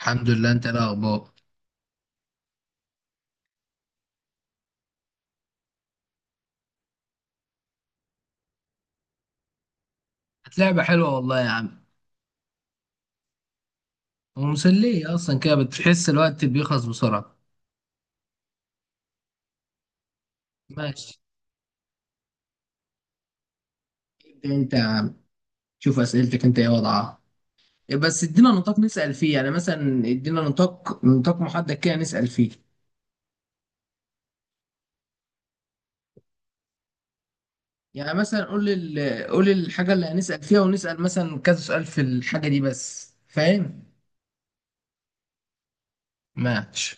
الحمد لله. انت ايه الاخبار؟ كانت لعبة حلوة والله يا عم، ومسلية اصلا كده، بتحس الوقت بيخلص بسرعة. ماشي. انت شوف اسئلتك انت ايه وضعها. إيه بس ادينا نطاق نسأل فيه، يعني مثلا ادينا نطاق محدد كده نسأل فيه، يعني مثلا قول قول الحاجة اللي هنسأل فيها ونسأل مثلا كذا سؤال في الحاجة دي، بس فاهم. ماشي.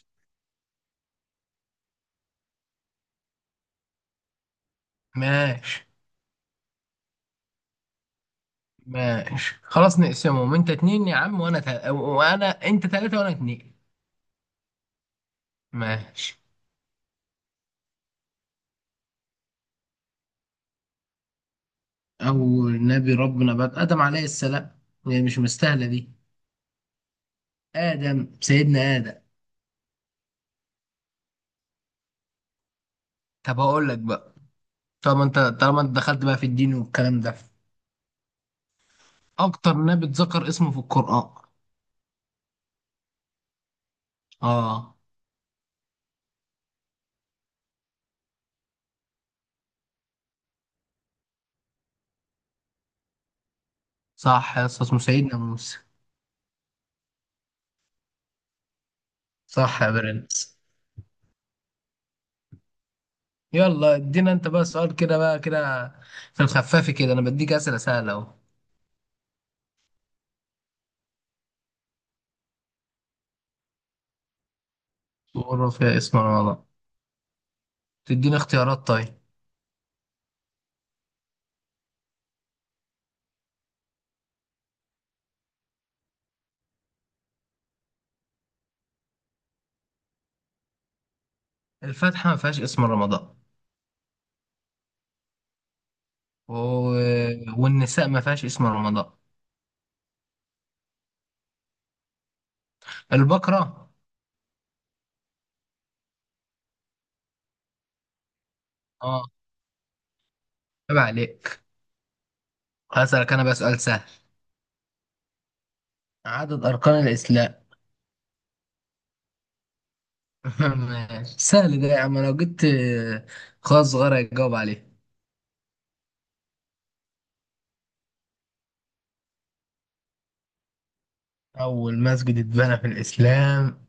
ماشي. ماشي خلاص نقسمهم، انت اتنين يا عم وانا انت تلاتة وانا اتنين. ماشي. أول نبي ربنا بعد آدم عليه السلام، يعني مش مستاهلة دي. آدم، سيدنا آدم. طب أقول لك بقى، طالما أنت دخلت بقى في الدين والكلام ده، أكتر نبي اتذكر اسمه في القرآن. آه. صح يا أسطى، اسمه سيدنا موسى. صح يا برنس. يلا ادينا أنت بقى سؤال كده بقى كده، في الخفاف كده، أنا بديك أسئلة سهلة أهو. تقول فيها اسم رمضان؟ تديني اختيارات طيب. الفاتحة ما فيهاش اسم رمضان، و... والنساء ما فيهاش اسم رمضان. البقرة. اه، عيب عليك. هسألك انا بقى سؤال سهل، عدد اركان الاسلام. ماشي. سهل ده يا عم، لو جبت خاص صغير هيجاوب عليه. اول مسجد اتبنى في الاسلام،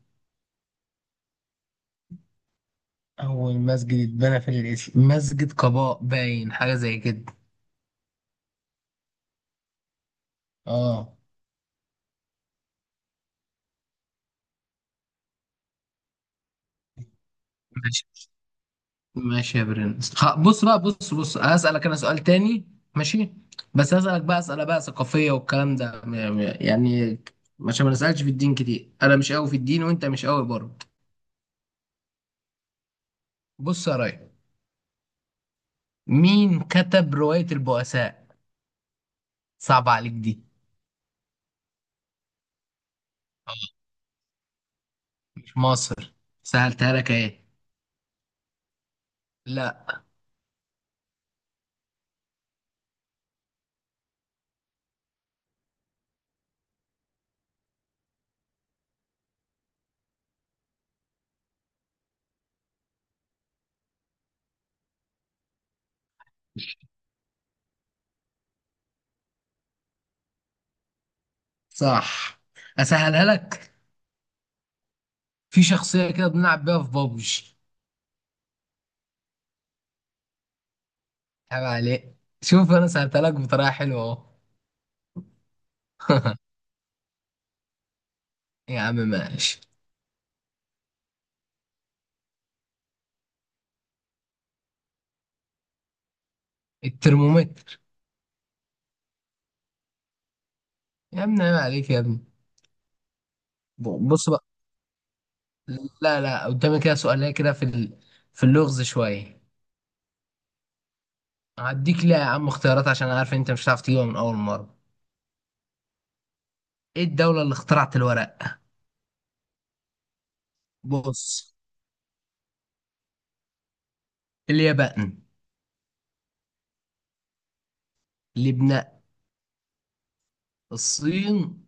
اول مسجد اتبنى في الاسلام مسجد قباء، باين حاجه زي كده. اه. ماشي. ماشي يا برنس. بص بقى، بص هسألك انا سؤال تاني. ماشي. بس هسألك بقى اسئله بقى ثقافيه والكلام ده، يعني عشان ما نسألش في الدين كتير، انا مش قوي في الدين وانت مش قوي برضه. بص يا راي، مين كتب رواية البؤساء؟ صعب عليك دي. مش مصر. سهلتها لك ايه. لا. صح. اسهلها لك، في شخصية كده بنلعب بيها في بابجي. عيب عليك، شوف انا سهلتها لك بطريقة حلوة اهو. يا عم ماشي. الترمومتر. يا ابني عيب عليك يا ابني. بص بقى. لا لا، قدامي كده سؤالية كده في في اللغز شوية. هديك ليه يا عم اختيارات، عشان أنا عارف إن انت مش هتعرف تجيبها من اول مرة. ايه الدولة اللي اخترعت الورق؟ بص: اليابان، لبنان، الصين،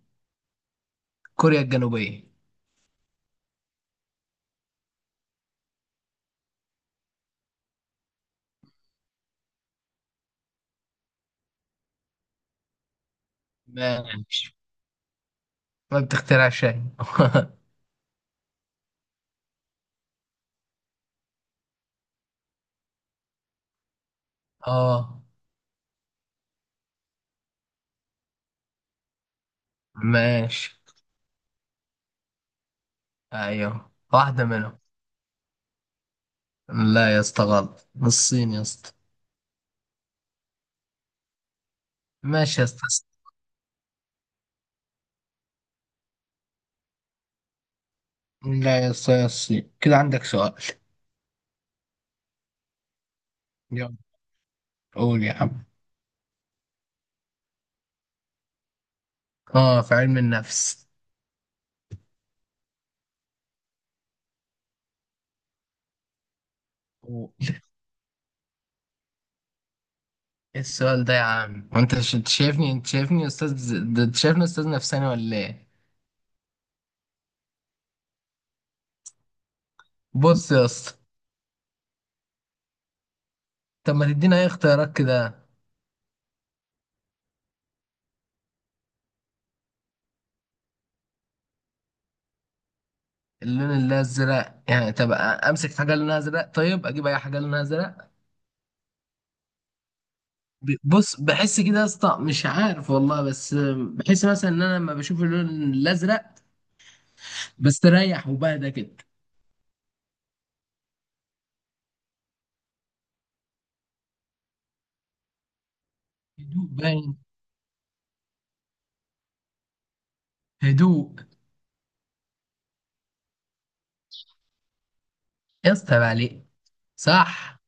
كوريا الجنوبية. ماشي. ما بتخترع شيء. اه. ماشي. ايوه واحدة منهم. لا يا اسطى غلط، الصين يا اسطى. ماشي يا اسطى. لا يا اسطى، يا الصين كده. عندك سؤال. يلا قول يا عم. اه، في علم النفس. أوه. ايه السؤال ده يا عم، وانت انت شايفني، استاذ انت شايفني استاذ نفساني ولا ايه؟ بص يا اسطى. طب ما تدينا اي اختيارات كده. اللون الازرق يعني؟ طب امسك حاجه لونها ازرق، طيب اجيب اي حاجه لونها ازرق. بص، بحس كده يا اسطى مش عارف والله، بس بحس مثلا ان انا لما بشوف اللون الازرق بستريح وبهدى كده. هدوء باين، هدوء. يا اسطى عيب عليك. صح.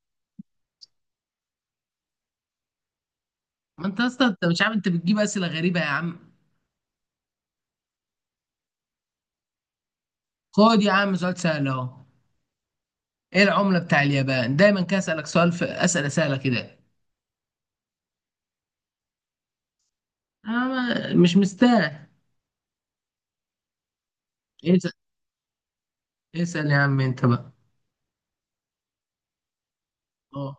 ما انت يا اسطى انت مش عارف، انت بتجيب اسئله غريبه يا عم. خد يا عم سؤال سهل اهو. ايه العمله بتاع اليابان؟ دايما كده اسالك سؤال في اسئله سهله كده. انا مش مستاهل. اسال، اسال يا عم انت بقى. اه،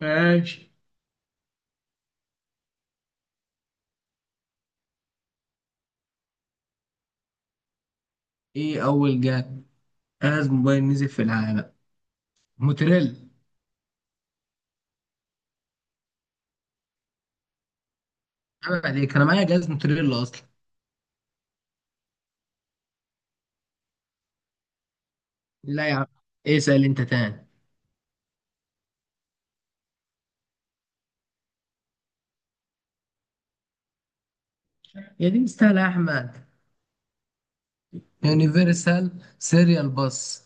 ماشي. ايه اول جهاز، جهاز موبايل نزل في العالم؟ موتوريلا. عيب عليك، انا معايا جهاز موتوريلا اصلا. لا يا عم، اسال انت تاني. يا دي مستاهله يا احمد. يونيفرسال سيريال باس.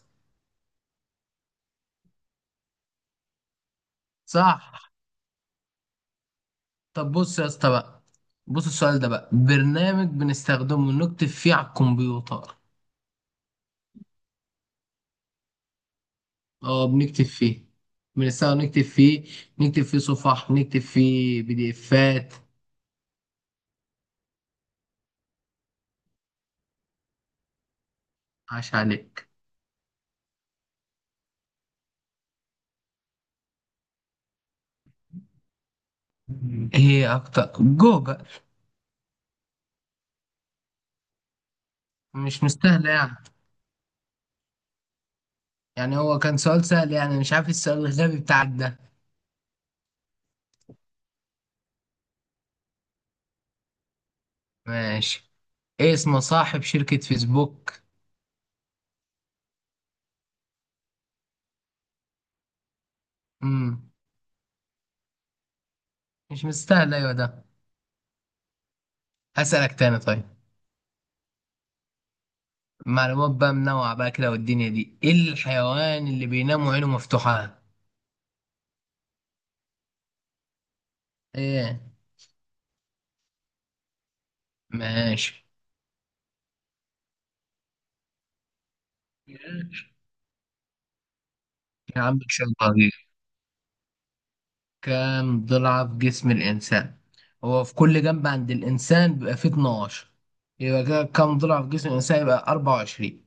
صح. طب بص يا اسطى بقى، بص السؤال ده بقى، برنامج بنستخدمه نكتب فيه على الكمبيوتر. اه بنكتب فيه، بنستخدم نكتب فيه، نكتب فيه صفح، نكتب فيه بي دي افات. عاش عليك. ايه اكتر؟ جوجل. مش مستاهله يعني، يعني هو كان سؤال سهل، يعني مش عارف السؤال الغبي بتاعك ده. ماشي. ايه اسم صاحب شركة فيسبوك؟ امم مش مستاهل ايوه ده. هسألك تاني طيب. معلومات بقى منوعة بقى كده والدنيا دي، ايه الحيوان اللي بينام وعينه مفتوحة؟ ايه. ماشي. يا عم ان شاء الله غير. كام ضلع في جسم الانسان؟ هو في كل جنب عند الانسان بيبقى فيه 12، يبقى كده كام ضلع في جسم الانسان؟ يبقى 24.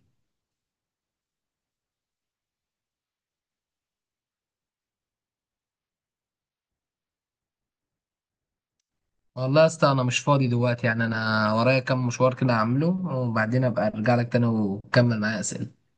والله يا اسطى، انا مش فاضي دلوقتي يعني، انا ورايا كام مشوار كده هعمله، وبعدين ابقى ارجع لك تاني وكمل معايا اسئله.